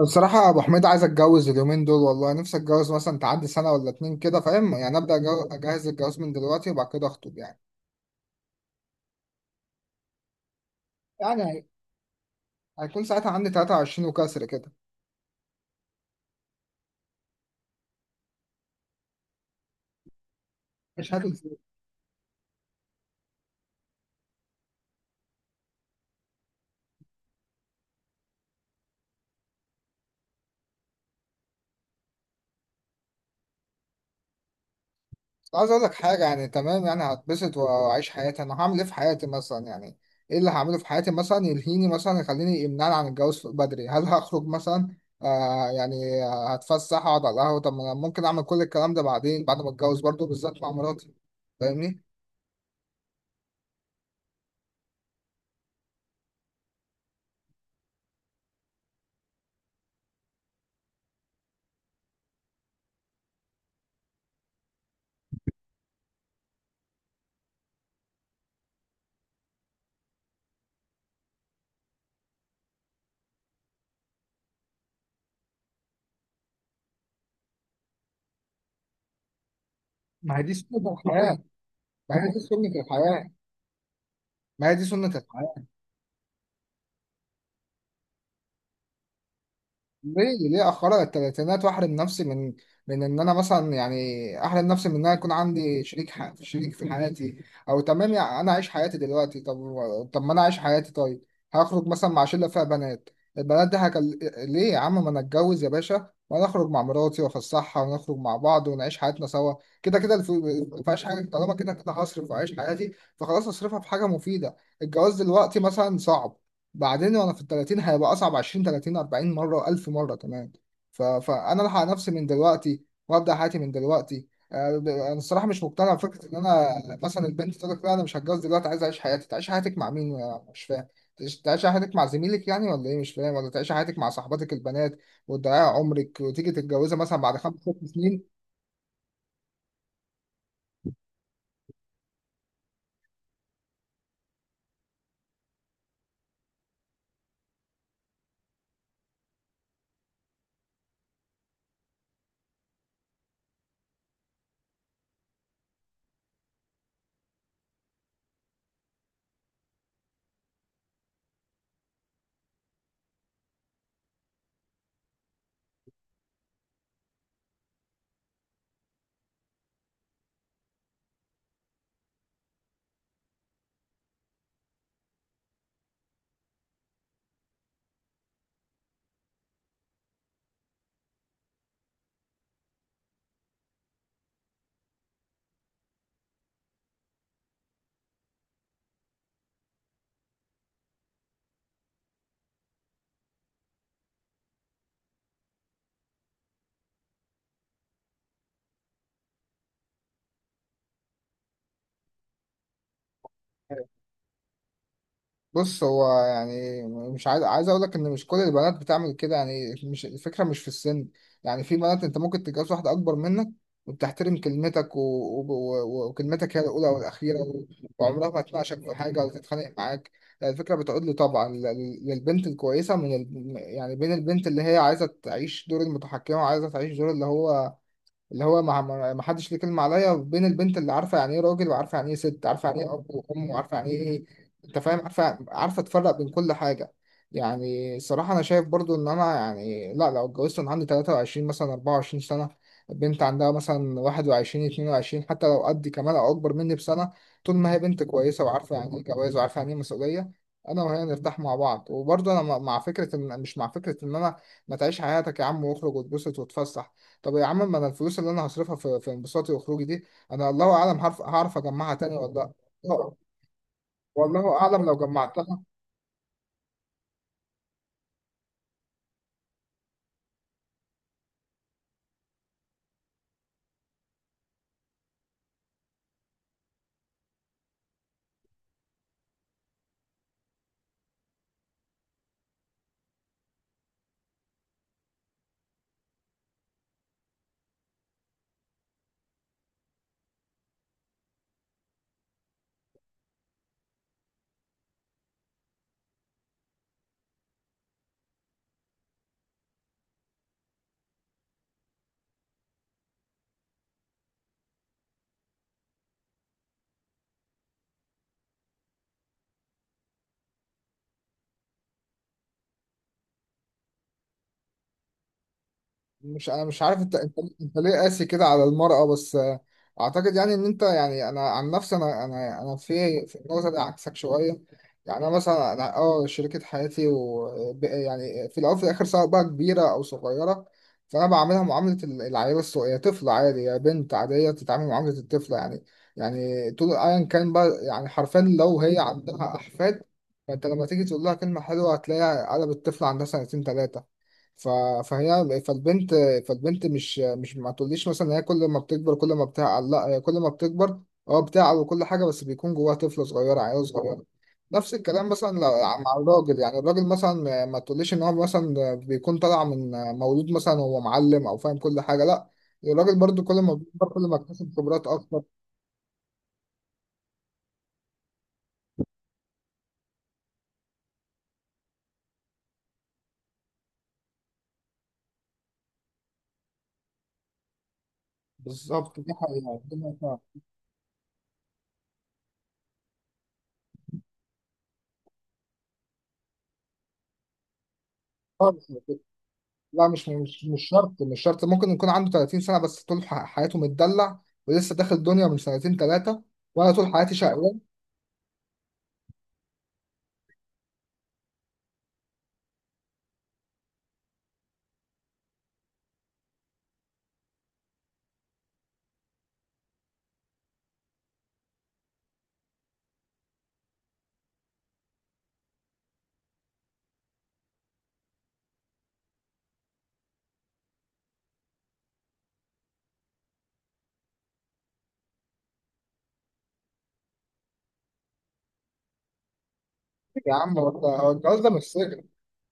بصراحة يا أبو حميد، عايز أتجوز اليومين دول، والله نفسي أتجوز مثلا تعدي سنة ولا اتنين كده. فاهم يعني؟ أبدأ أجهز الجواز من دلوقتي وبعد كده أخطب يعني هيكون ساعتها عندي 23 وكسر كده. مش هتل بس عايز أقول لك حاجة، يعني تمام، يعني هتبسط وأعيش حياتي. أنا هعمل إيه في حياتي مثلا يعني؟ إيه اللي هعمله في حياتي مثلا يلهيني، مثلا يخليني، يمنعني عن الجواز بدري؟ هل هخرج مثلا؟ يعني هتفسح، أقعد على القهوة. طب ما أنا ممكن أعمل كل الكلام ده بعدين، بعد ما أتجوز برضه، بالذات مع مراتي. فاهمني؟ ما هي دي سنة الحياة. ما هي دي سنة الحياة. ما هي دي سنة الحياة. ليه أخرها للتلاتينات وأحرم نفسي من، من إن أنا مثلا، يعني أحرم نفسي من إن أنا يكون عندي شريك شريك في حياتي. أو تمام، يعني أنا عايش حياتي دلوقتي. طب ما أنا عايش حياتي. طيب هخرج مثلا مع شلة فيها بنات، البنات دي ليه يا عم؟ ما أنا أتجوز يا باشا، وأنا أخرج مع مراتي وأفسحها ونخرج مع بعض ونعيش حياتنا سوا. كده كده ما فيهاش حاجة، طالما كده كده هصرف وأعيش حياتي، فخلاص أصرفها في حاجة مفيدة. الجواز دلوقتي مثلا صعب، بعدين وانا في ال 30 هيبقى اصعب، 20 30 40 مره و1000 مره كمان. فانا الحق نفسي من دلوقتي وابدا حياتي من دلوقتي. انا الصراحه مش مقتنع بفكره ان انا مثلا البنت تقول لك لا، انا مش هتجوز دلوقتي، عايز اعيش حياتي. تعيش حياتك مع مين؟ أنا مش فاهم. تعيش حياتك مع زميلك يعني ولا ايه؟ مش فاهم. ولا تعيش حياتك مع صاحباتك البنات وتضيعي عمرك وتيجي تتجوزها مثلا بعد خمس ست سنين؟ بص، هو يعني مش عايز اقول لك ان مش كل البنات بتعمل كده، يعني مش الفكره مش في السن. يعني في بنات انت ممكن تتجوز واحده اكبر منك وبتحترم كلمتك وكلمتك هي الاولى والاخيره، وعمرها ما تناقشك في حاجه ولا تتخانق معاك. يعني الفكره بتعود لي طبعا للبنت الكويسه من يعني بين البنت اللي هي عايزه تعيش دور المتحكمه، وعايزه تعيش دور اللي هو، اللي هو ما حدش ليه كلمة عليا، بين البنت اللي عارفة يعني ايه راجل، وعارفة يعني ايه ست، عارفة يعني ايه اب وام، وعارفة يعني ايه، انت فاهم، عارفة تفرق بين كل حاجة. يعني الصراحة انا شايف برضو ان انا، يعني لا، لو اتجوزت وانا عندي 23 مثلا 24 سنة، البنت عندها مثلا 21 22، حتى لو قدي كمان او اكبر مني بسنة، طول ما هي بنت كويسة وعارفة يعني ايه جواز، وعارفة يعني ايه مسؤولية، انا وهي نرتاح مع بعض. وبرضه انا مع فكرة ان مش، مع فكرة ان انا، ما تعيش حياتك يا عم واخرج واتبسط واتفسح. طب يا عم، ما انا الفلوس اللي انا هصرفها في، في انبساطي وخروجي دي، انا الله اعلم هعرف، هعرف اجمعها تاني ولا لا. آه، والله اعلم لو جمعتها. مش، انا مش عارف انت ليه قاسي كده على المرأة بس. اعتقد يعني ان انت، يعني انا عن نفسي انا في النقطة دي عكسك شوية. يعني انا مثلا، انا اه شريكة حياتي و يعني في الاول وفي الاخر سواء بقى كبيرة او صغيرة، فانا بعاملها معاملة العيال الصغيرة، هي طفلة عادي، يا بنت عادية، تتعامل معاملة الطفلة يعني. يعني طول، ايا كان بقى، يعني حرفيا لو هي عندها احفاد، فانت لما تيجي تقول لها كلمة حلوة هتلاقيها قلبت الطفل عندها سنتين تلاتة. ف... فهي فالبنت فالبنت مش ما تقوليش مثلا ان هي كل ما بتكبر كل ما بتعقل. لا، هي كل ما بتكبر اه بتعقل وكل حاجه، بس بيكون جواها طفل صغير عيل صغير. نفس الكلام مثلا مع الراجل، يعني الراجل مثلا ما تقوليش ان هو مثلا بيكون طالع من، مولود مثلا وهو معلم او فاهم كل حاجه، لا، الراجل برضو كل ما بيكبر كل ما اكتسب خبرات اكتر. بالظبط، دي حقيقه، دي حقيقة. خالص، على فكرة. لا، مش شرط ممكن يكون عنده 30 سنه بس طول حياته متدلع ولسه داخل الدنيا من سنتين ثلاثه. وانا طول حياتي شقيان. يا عم والله هو الجواز ده مش سجن،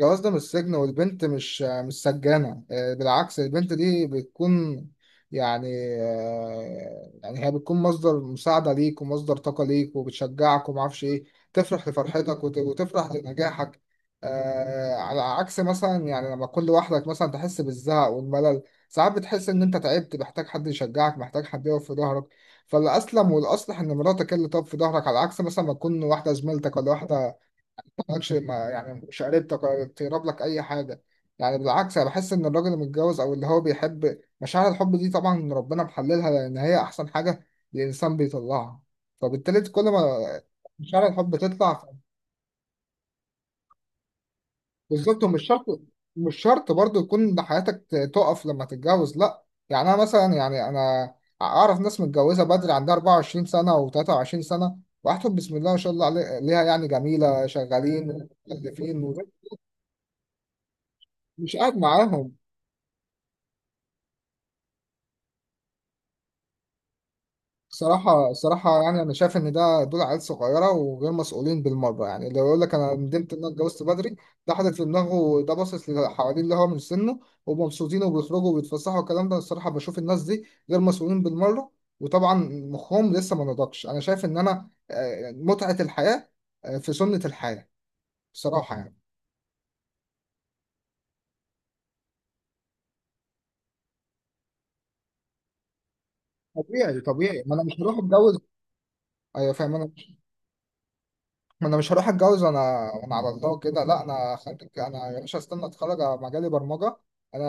الجواز ده مش سجن، والبنت مش سجانة. بالعكس، البنت دي بتكون، يعني يعني هي بتكون مصدر مساعدة ليك، ومصدر طاقة ليك، وبتشجعك ومعرفش ايه، تفرح لفرحتك وتفرح لنجاحك. على عكس مثلا يعني لما تكون لوحدك، مثلا تحس بالزهق والملل، ساعات بتحس ان انت تعبت، محتاج حد يشجعك، محتاج حد يقف في ظهرك. فالأسلم والأصلح إن مراتك هي اللي تقف في ظهرك، على عكس مثلا ما تكون واحدة زميلتك ولا واحدة ماكش، ما يعني مش قريبتك ولا تقرب لك اي حاجه. يعني بالعكس، انا بحس ان الراجل المتجوز او اللي هو بيحب مشاعر الحب دي، طبعا ربنا محللها لان هي احسن حاجه الانسان بيطلعها، فبالتالي كل ما مشاعر الحب تطلع. بالظبط. ومش شرط مش شرط برضو يكون حياتك تقف لما تتجوز، لا، يعني انا مثلا، يعني انا اعرف ناس متجوزه بدري، عندها 24 سنه و23 سنه، واحتفل بسم الله ما شاء الله ليها، يعني جميله شغالين مكلفين. مش قاعد معاهم. صراحة صراحة يعني أنا شايف إن ده دول عيال صغيرة وغير مسؤولين بالمرة. يعني لو يقول لك أنا ندمت إن أنا اتجوزت بدري، ده حاطط في دماغه ده، باصص للي حواليه اللي هو من سنه ومبسوطين وبيخرجوا وبيتفسحوا والكلام ده. الصراحة بشوف الناس دي غير مسؤولين بالمرة، وطبعا مخهم لسه ما نضجش. أنا شايف إن أنا، متعة الحياة، في سنة الحياة، بصراحة يعني. طبيعي طبيعي، ما أنا مش هروح أتجوز. أيوة فاهم أنا. ما انا مش هروح اتجوز وانا على الله كده، لا. انا خارج انا يا باشا، استنى اتخرج على مجالي برمجه. انا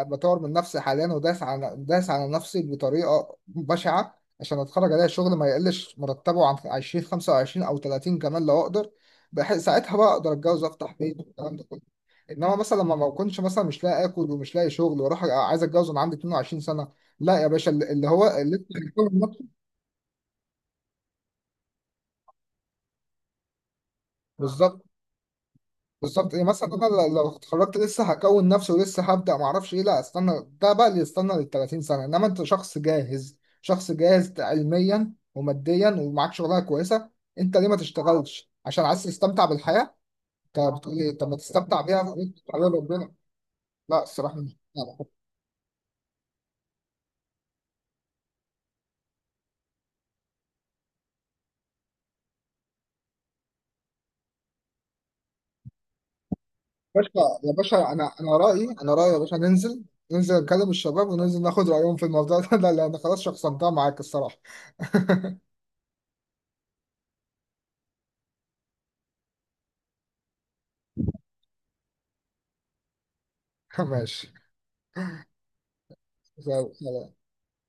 بطور من نفسي حاليا، وداس على داس على نفسي بطريقه بشعه عشان اتخرج الاقي شغل ما يقلش مرتبه عن 20 25 او 30 كمان لو اقدر، بحيث ساعتها بقى اقدر اتجوز وافتح بيت والكلام ده كله. انما مثلا لما ما اكونش مثلا مش لاقي اكل ومش لاقي شغل، واروح عايز اتجوز وانا عندي 22 سنه، لا يا باشا، اللي اللي هو اللي بالظبط. بالظبط، يعني مثلا انا لو اتخرجت لسه هكون نفسي ولسه هبدا، ما اعرفش ايه، لا استنى، ده بقى اللي يستنى لل 30 سنه. انما انت شخص جاهز، شخص جاهز علميا وماديا، ومعاك شغلانه كويسه، انت ليه ما تشتغلش عشان عايز تستمتع بالحياه؟ انت بتقول ايه؟ طب ما تستمتع بيها؟ على ربنا. لا الصراحه مش، لا، يا باشا يا باشا، انا رايي يا باشا، ننزل نكلم الشباب، وننزل ناخد رايهم في الموضوع ده لان خلاص شخصنتها معاك الصراحه. ماشي. زي-